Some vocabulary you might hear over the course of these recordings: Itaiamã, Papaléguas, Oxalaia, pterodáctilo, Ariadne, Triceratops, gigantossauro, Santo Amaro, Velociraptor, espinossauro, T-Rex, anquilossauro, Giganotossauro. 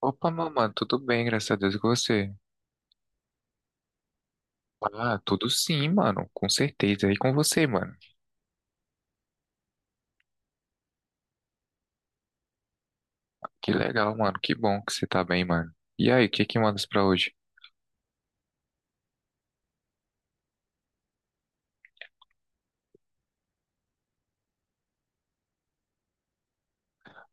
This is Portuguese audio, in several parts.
Opa, meu mano, tudo bem, graças a Deus, e com você? Ah, tudo sim, mano, com certeza, e com você, mano? Que legal, mano, que bom que você tá bem, mano. E aí, o que que mandas pra hoje?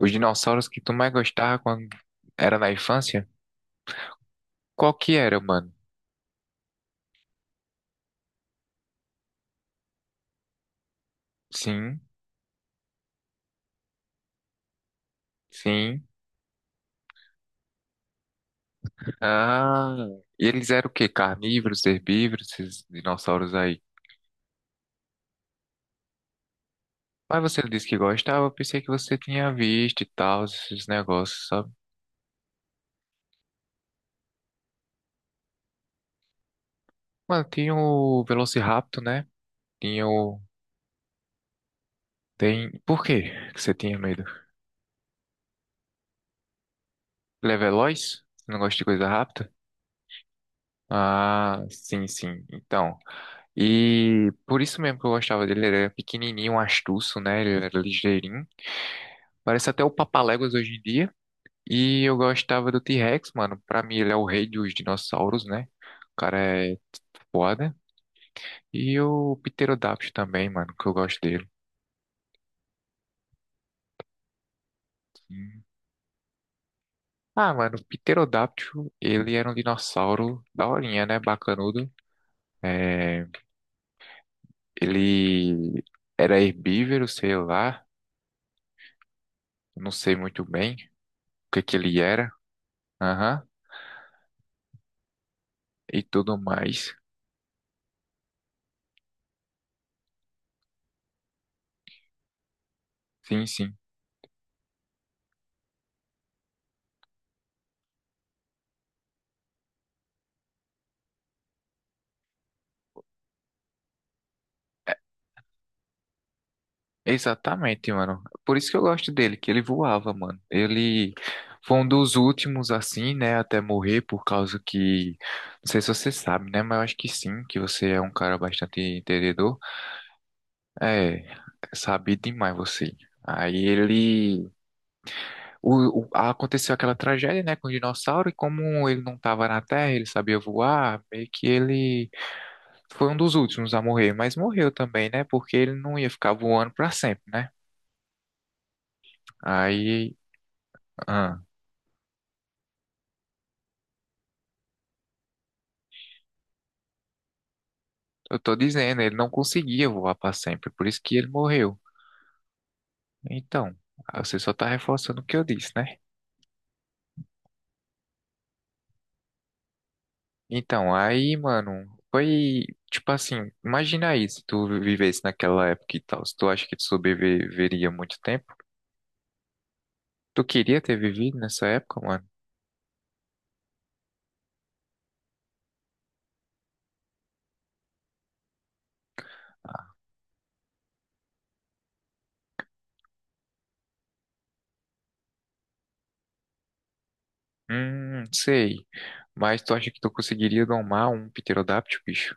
Os dinossauros que tu mais gostava quando era na infância? Qual que era, mano? Sim, sim. Ah, e eles eram o quê? Carnívoros, herbívoros, esses dinossauros aí? Mas você disse que gostava, eu pensei que você tinha visto e tal, esses negócios, sabe? Mano, tinha o Velociraptor, né? Tinha o Tem. Por quê que você tinha medo? Ele é veloz? Você não gosta de coisa rápida? Ah, sim, sim. Então. E por isso mesmo que eu gostava dele. Ele era pequenininho, um astuço, né? Ele era ligeirinho. Parece até o Papaléguas hoje em dia. E eu gostava do T-Rex, mano. Pra mim, ele é o rei dos dinossauros, né? O cara é foda. E o pterodáctilo também, mano, que eu gosto dele. Sim. Ah, mano, o Pterodáptilo, ele era um dinossauro daorinha, né? Bacanudo. é Ele era herbívoro, sei lá, não sei muito bem o que que ele era, aham, e tudo mais. Sim, sim. É, exatamente, mano. Por isso que eu gosto dele, que ele voava, mano. Ele foi um dos últimos, assim, né, até morrer, por causa que. Não sei se você sabe, né, mas eu acho que sim, que você é um cara bastante entendedor. É, sabe demais você. Aí aconteceu aquela tragédia, né, com o dinossauro, e como ele não estava na Terra, ele sabia voar, meio que ele foi um dos últimos a morrer, mas morreu também, né, porque ele não ia ficar voando para sempre, né? Aí, ah, eu tô dizendo, ele não conseguia voar para sempre, por isso que ele morreu. Então, você só tá reforçando o que eu disse, né? Então, aí, mano, foi tipo assim, imagina aí se tu vivesse naquela época e tal, se tu acha que tu sobreviveria muito tempo, tu queria ter vivido nessa época, mano? Sei. Mas tu acha que tu conseguiria domar um pterodáctilo, bicho?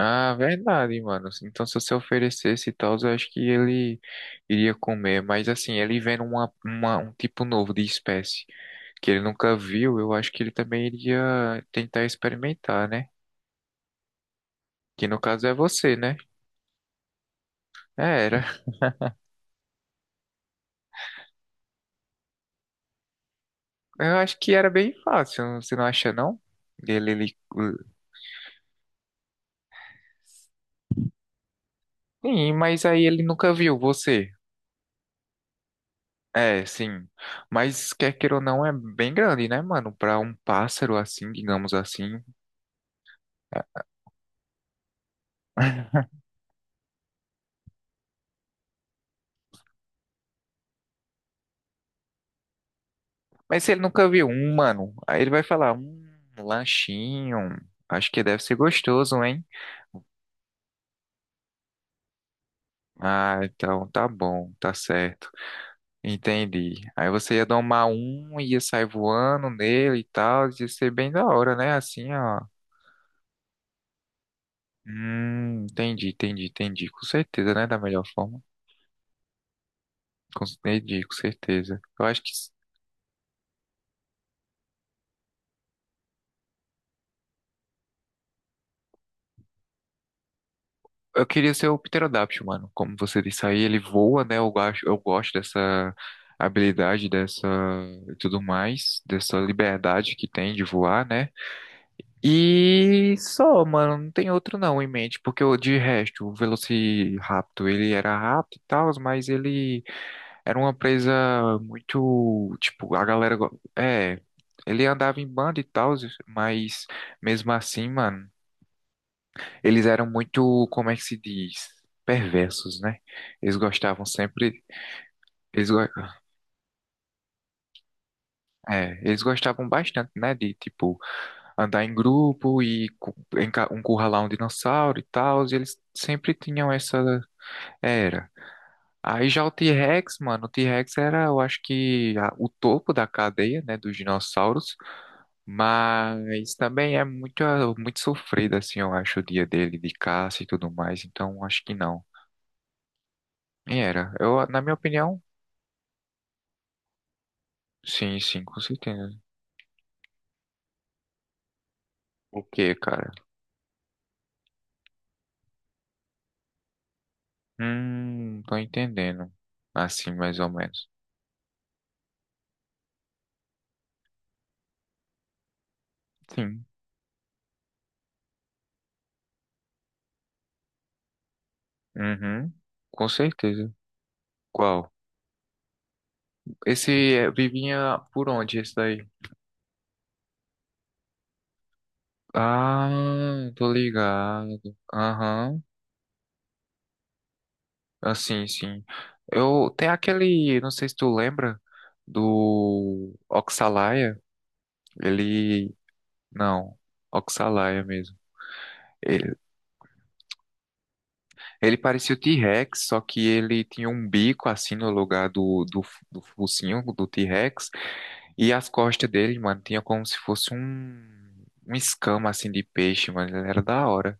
Ah, verdade, mano. Então, se você oferecesse e tal, eu acho que ele iria comer. Mas, assim, ele vendo um tipo novo de espécie que ele nunca viu, eu acho que ele também iria tentar experimentar, né? Que no caso é você, né? É, era. Eu acho que era bem fácil, você não acha, não? Ele... Sim, mas aí ele nunca viu você. É, sim. Mas quer queira ou não, é bem grande, né, mano? Pra um pássaro assim, digamos assim. Mas se ele nunca viu um, mano, aí ele vai falar, um lanchinho. Acho que deve ser gostoso, hein? Ah, então tá bom, tá certo. Entendi. Aí você ia domar um, ia sair voando nele e tal. Ia ser bem da hora, né? Assim, ó. Entendi, entendi, entendi. Com certeza, né? Da melhor forma. Entendi, com certeza. Eu acho que. Eu queria ser o Pterodáctilo, mano. Como você disse aí, ele voa, né? Eu gosto dessa habilidade, dessa e tudo mais, dessa liberdade que tem de voar, né? E só, mano, não tem outro não em mente, porque o de resto, o Velociraptor, ele era rápido e tal, mas ele era uma presa muito, tipo, a galera, ele andava em banda e tal, mas mesmo assim, mano, eles eram muito, como é que se diz? Perversos, né? Eles gostavam sempre. Eles, go- eles gostavam bastante, né? De, tipo, andar em grupo e encurralar um dinossauro e tal. E eles sempre tinham essa era. Aí já o T-Rex, mano, o T-Rex era, eu acho que, o topo da cadeia, né? Dos dinossauros. Mas também é muito sofrido, assim, eu acho, o dia dele de caça e tudo mais. Então, acho que não. E era. Eu, na minha opinião, sim, sim, com certeza. O que, cara? Tô entendendo. Assim, mais ou menos. Sim. Uhum. Com certeza. Qual? Esse é, vivinha por onde, esse daí? Ah, tô ligado. Aham. Assim, sim. Eu tem aquele, não sei se tu lembra do Oxalaia, ele não, Oxalaia mesmo. Ele, Ele, parecia o T-Rex, só que ele tinha um bico assim no lugar do focinho do T-Rex. E as costas dele, mano, tinha como se fosse um escama assim de peixe, mano. Ele era da hora.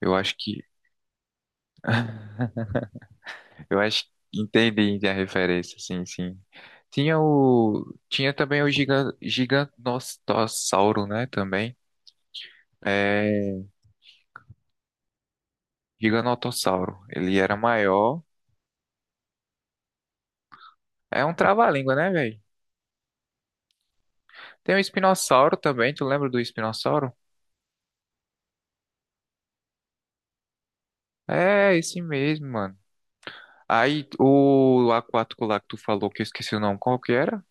Eu acho que. Eu acho que entendi a referência, sim, sim. Tinha também o gigantossauro, né? Também. É. Giganotossauro. Ele era maior. É um trava-língua, né, velho? Tem o espinossauro também. Tu lembra do espinossauro? É, esse mesmo, mano. Aí, o aquático lá que tu falou, que eu esqueci o nome, qual que era?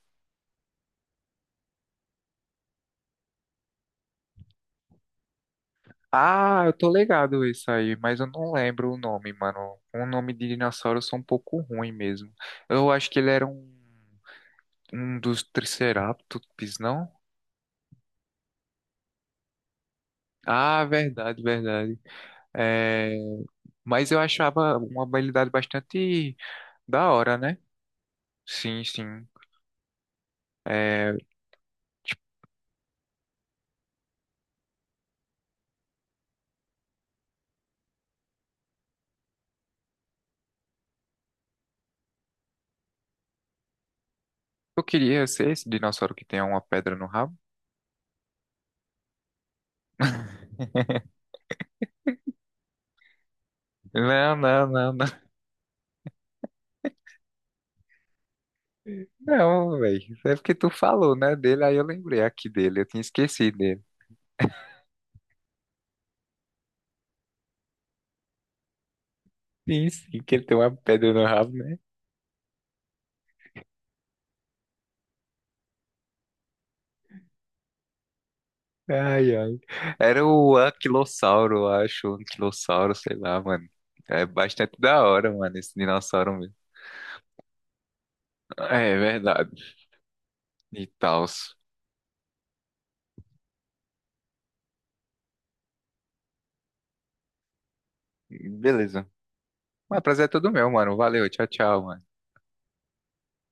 Ah, eu tô ligado isso aí, mas eu não lembro o nome, mano. O nome de dinossauro eu sou um pouco ruim mesmo. Eu acho que ele era um, dos Triceratops, não? Ah, verdade, verdade. É, mas eu achava uma habilidade bastante da hora, né? Sim, sim. É, eu queria ser esse dinossauro que tem uma pedra no rabo. Não, não, não, não. Não, velho. É porque tu falou, né, dele, aí eu lembrei aqui dele. Eu tinha esquecido dele. Sim, sim, que ele tem uma pedra no rabo, né? Ai, ai. Era o anquilossauro, eu acho. O anquilossauro, sei lá, mano. É bastante da hora, mano, esse dinossauro mesmo. É verdade. E tal. Beleza. Mas prazer é todo meu, mano. Valeu, tchau, tchau, mano.